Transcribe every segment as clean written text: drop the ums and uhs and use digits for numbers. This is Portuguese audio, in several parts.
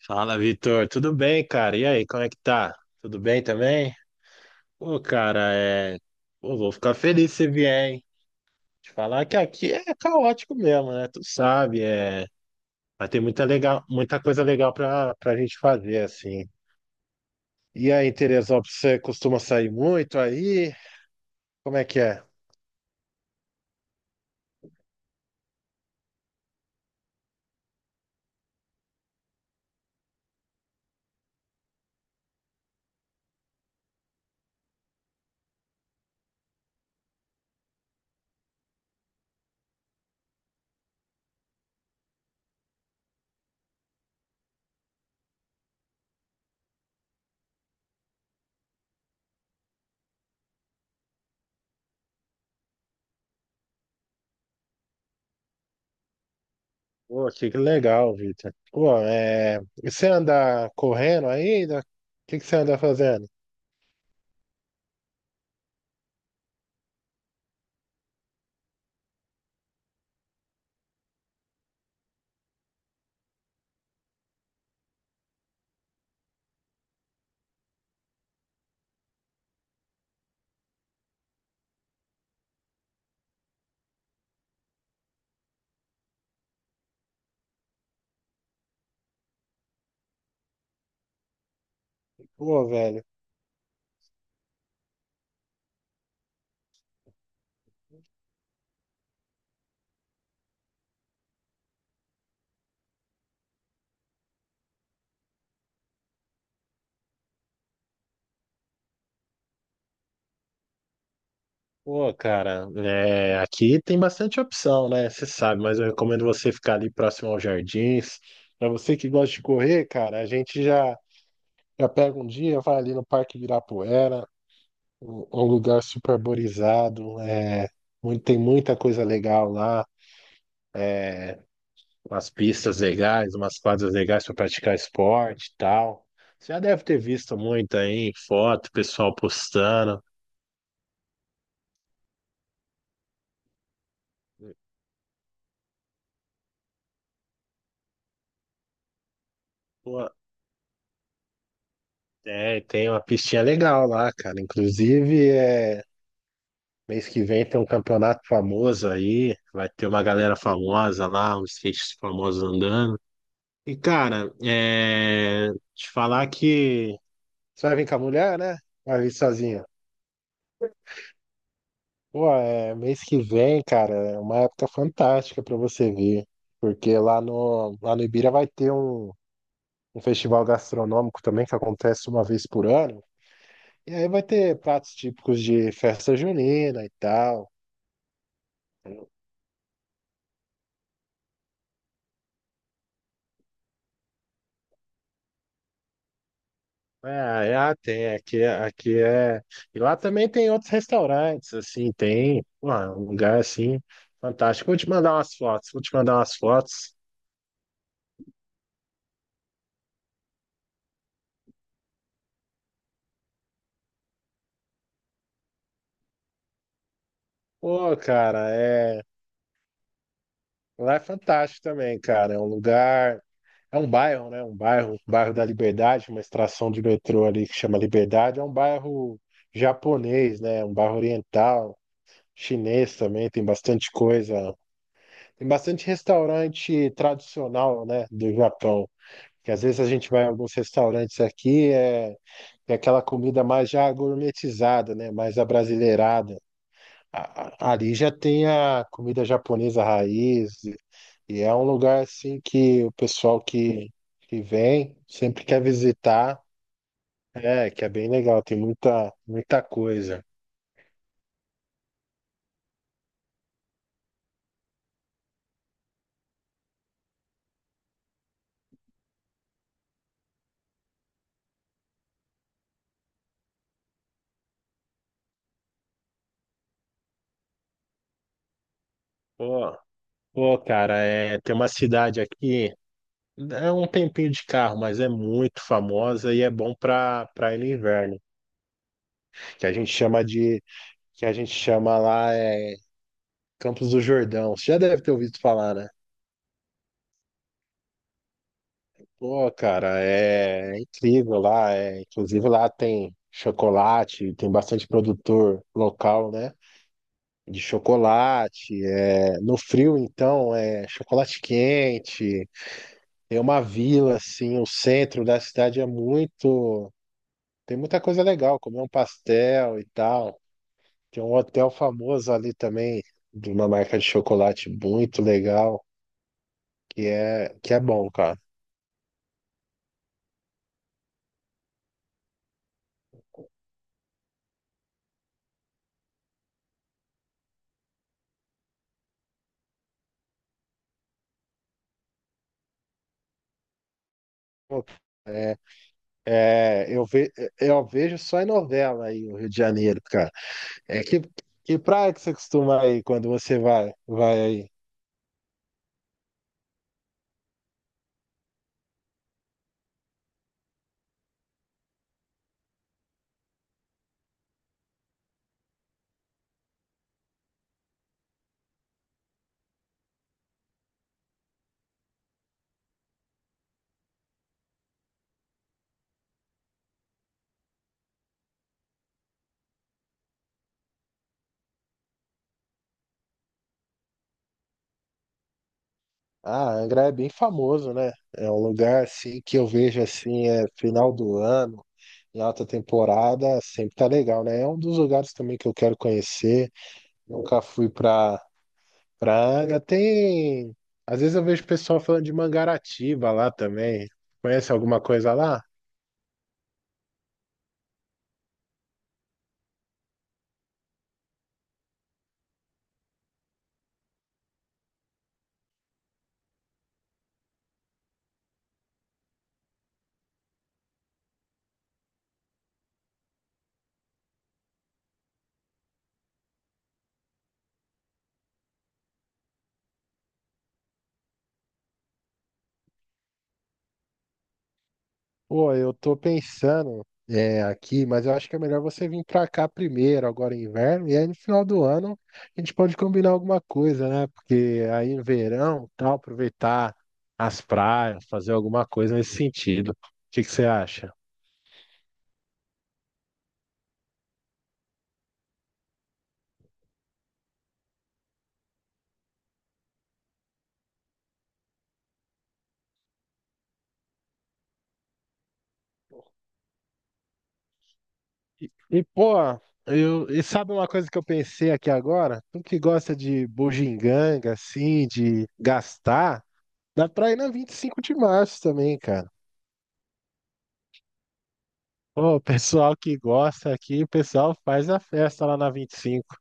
Fala, Vitor. Tudo bem, cara? E aí, como é que tá? Tudo bem também? Pô, cara, é. Pô, vou ficar feliz se você vier, hein? Te falar que aqui é caótico mesmo, né? Tu sabe, é. Vai ter muita legal, muita coisa legal pra gente fazer, assim. E aí, Teresópolis, você costuma sair muito aí? Como é que é? Pô, que legal, Vitor. Pô, é. E você anda correndo ainda? O que que você anda fazendo? Pô, velho. Pô, cara, é, aqui tem bastante opção, né? Você sabe, mas eu recomendo você ficar ali próximo aos jardins. Para você que gosta de correr, cara, já pega um dia, vai ali no Parque Ibirapuera, um lugar super arborizado, é, tem muita coisa legal lá, umas pistas legais, umas quadras legais para praticar esporte e tal. Você já deve ter visto muito aí, foto, pessoal postando. Pô, é, tem uma pistinha legal lá, cara. Inclusive, é. Mês que vem tem um campeonato famoso aí, vai ter uma galera famosa lá, uns skates famosos andando. E, cara, é... te falar que você vai vir com a mulher, né? Vai vir sozinha. Pô, é... mês que vem, cara, é uma época fantástica pra você vir, porque lá no Ibira vai ter um... um festival gastronômico também que acontece uma vez por ano. E aí vai ter pratos típicos de festa junina e tal. É, é, ah, tem, aqui, aqui é. E lá também tem outros restaurantes, assim, tem, pô, um lugar assim, fantástico. Vou te mandar umas fotos, vou te mandar umas fotos. Pô, cara, é. Lá é fantástico também, cara. É um lugar. É um bairro, né? Um bairro da Liberdade, uma estação de metrô ali que chama Liberdade. É um bairro japonês, né? Um bairro oriental, chinês também, tem bastante coisa. Tem bastante restaurante tradicional, né? Do Japão. Que às vezes a gente vai em alguns restaurantes aqui, é, é aquela comida mais já gourmetizada, né? Mais abrasileirada. Ali já tem a comida japonesa raiz, e é um lugar assim que vem sempre quer visitar, é, que é bem legal, tem muita, muita coisa. Pô, pô, cara, é, tem uma cidade aqui, é um tempinho de carro, mas é muito famosa e é bom para ir no inverno, que a gente chama de que a gente chama lá é Campos do Jordão. Você já deve ter ouvido falar, né? Pô, cara, é, é incrível lá. É, inclusive lá tem chocolate, tem bastante produtor local, né? De chocolate. É, no frio, então, é chocolate quente. Tem uma vila, assim, o centro da cidade é muito. Tem muita coisa legal, comer um pastel e tal. Tem um hotel famoso ali também, de uma marca de chocolate muito legal. Que é bom, cara. Pô, é, é, eu, ve, eu vejo só em novela aí o Rio de Janeiro, cara. É que, que praia que você costuma aí quando vai aí? Ah, Angra é bem famoso, né? É um lugar assim que eu vejo assim, é final do ano, em alta temporada, sempre tá legal, né? É um dos lugares também que eu quero conhecer. Nunca fui pra, pra Angra. Tem. Às vezes eu vejo o pessoal falando de Mangaratiba lá também. Conhece alguma coisa lá? Pô, eu tô pensando é, aqui, mas eu acho que é melhor você vir pra cá primeiro, agora em inverno, e aí no final do ano a gente pode combinar alguma coisa, né? Porque aí no verão, tal, aproveitar as praias, fazer alguma coisa nesse sentido. O que que você acha? E, pô, e sabe uma coisa que eu pensei aqui agora? Tu que gosta de bugiganga, assim, de gastar, dá pra ir na 25 de março também, cara. Pô, o pessoal que gosta aqui, o pessoal faz a festa lá na 25.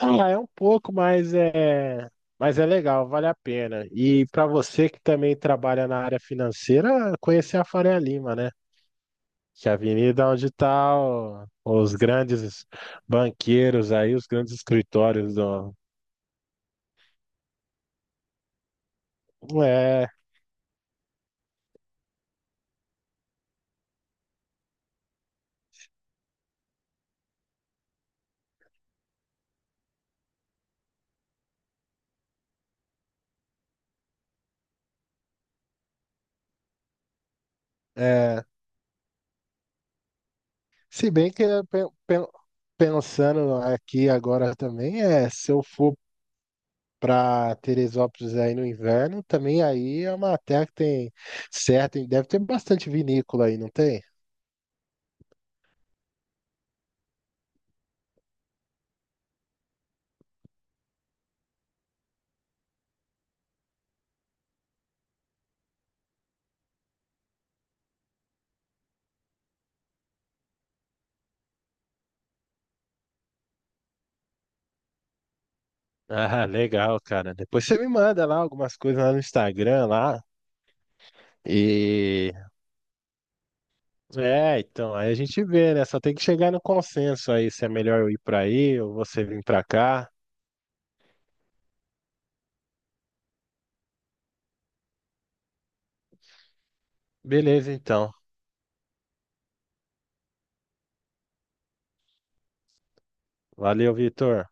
Ah, é um pouco, mas é legal, vale a pena. E para você que também trabalha na área financeira, conhecer a Faria Lima, né? Que é a avenida onde os grandes banqueiros aí, os grandes escritórios do... É, é. Se bem que pensando aqui agora também, é, se eu for para Teresópolis aí no inverno, também aí é uma terra que tem certo, deve ter bastante vinícola aí, não tem? Ah, legal, cara. Depois você me manda lá algumas coisas lá no Instagram lá. E é, então, aí a gente vê, né? Só tem que chegar no consenso aí se é melhor eu ir pra aí ou você vir pra cá. Beleza, então. Valeu, Vitor.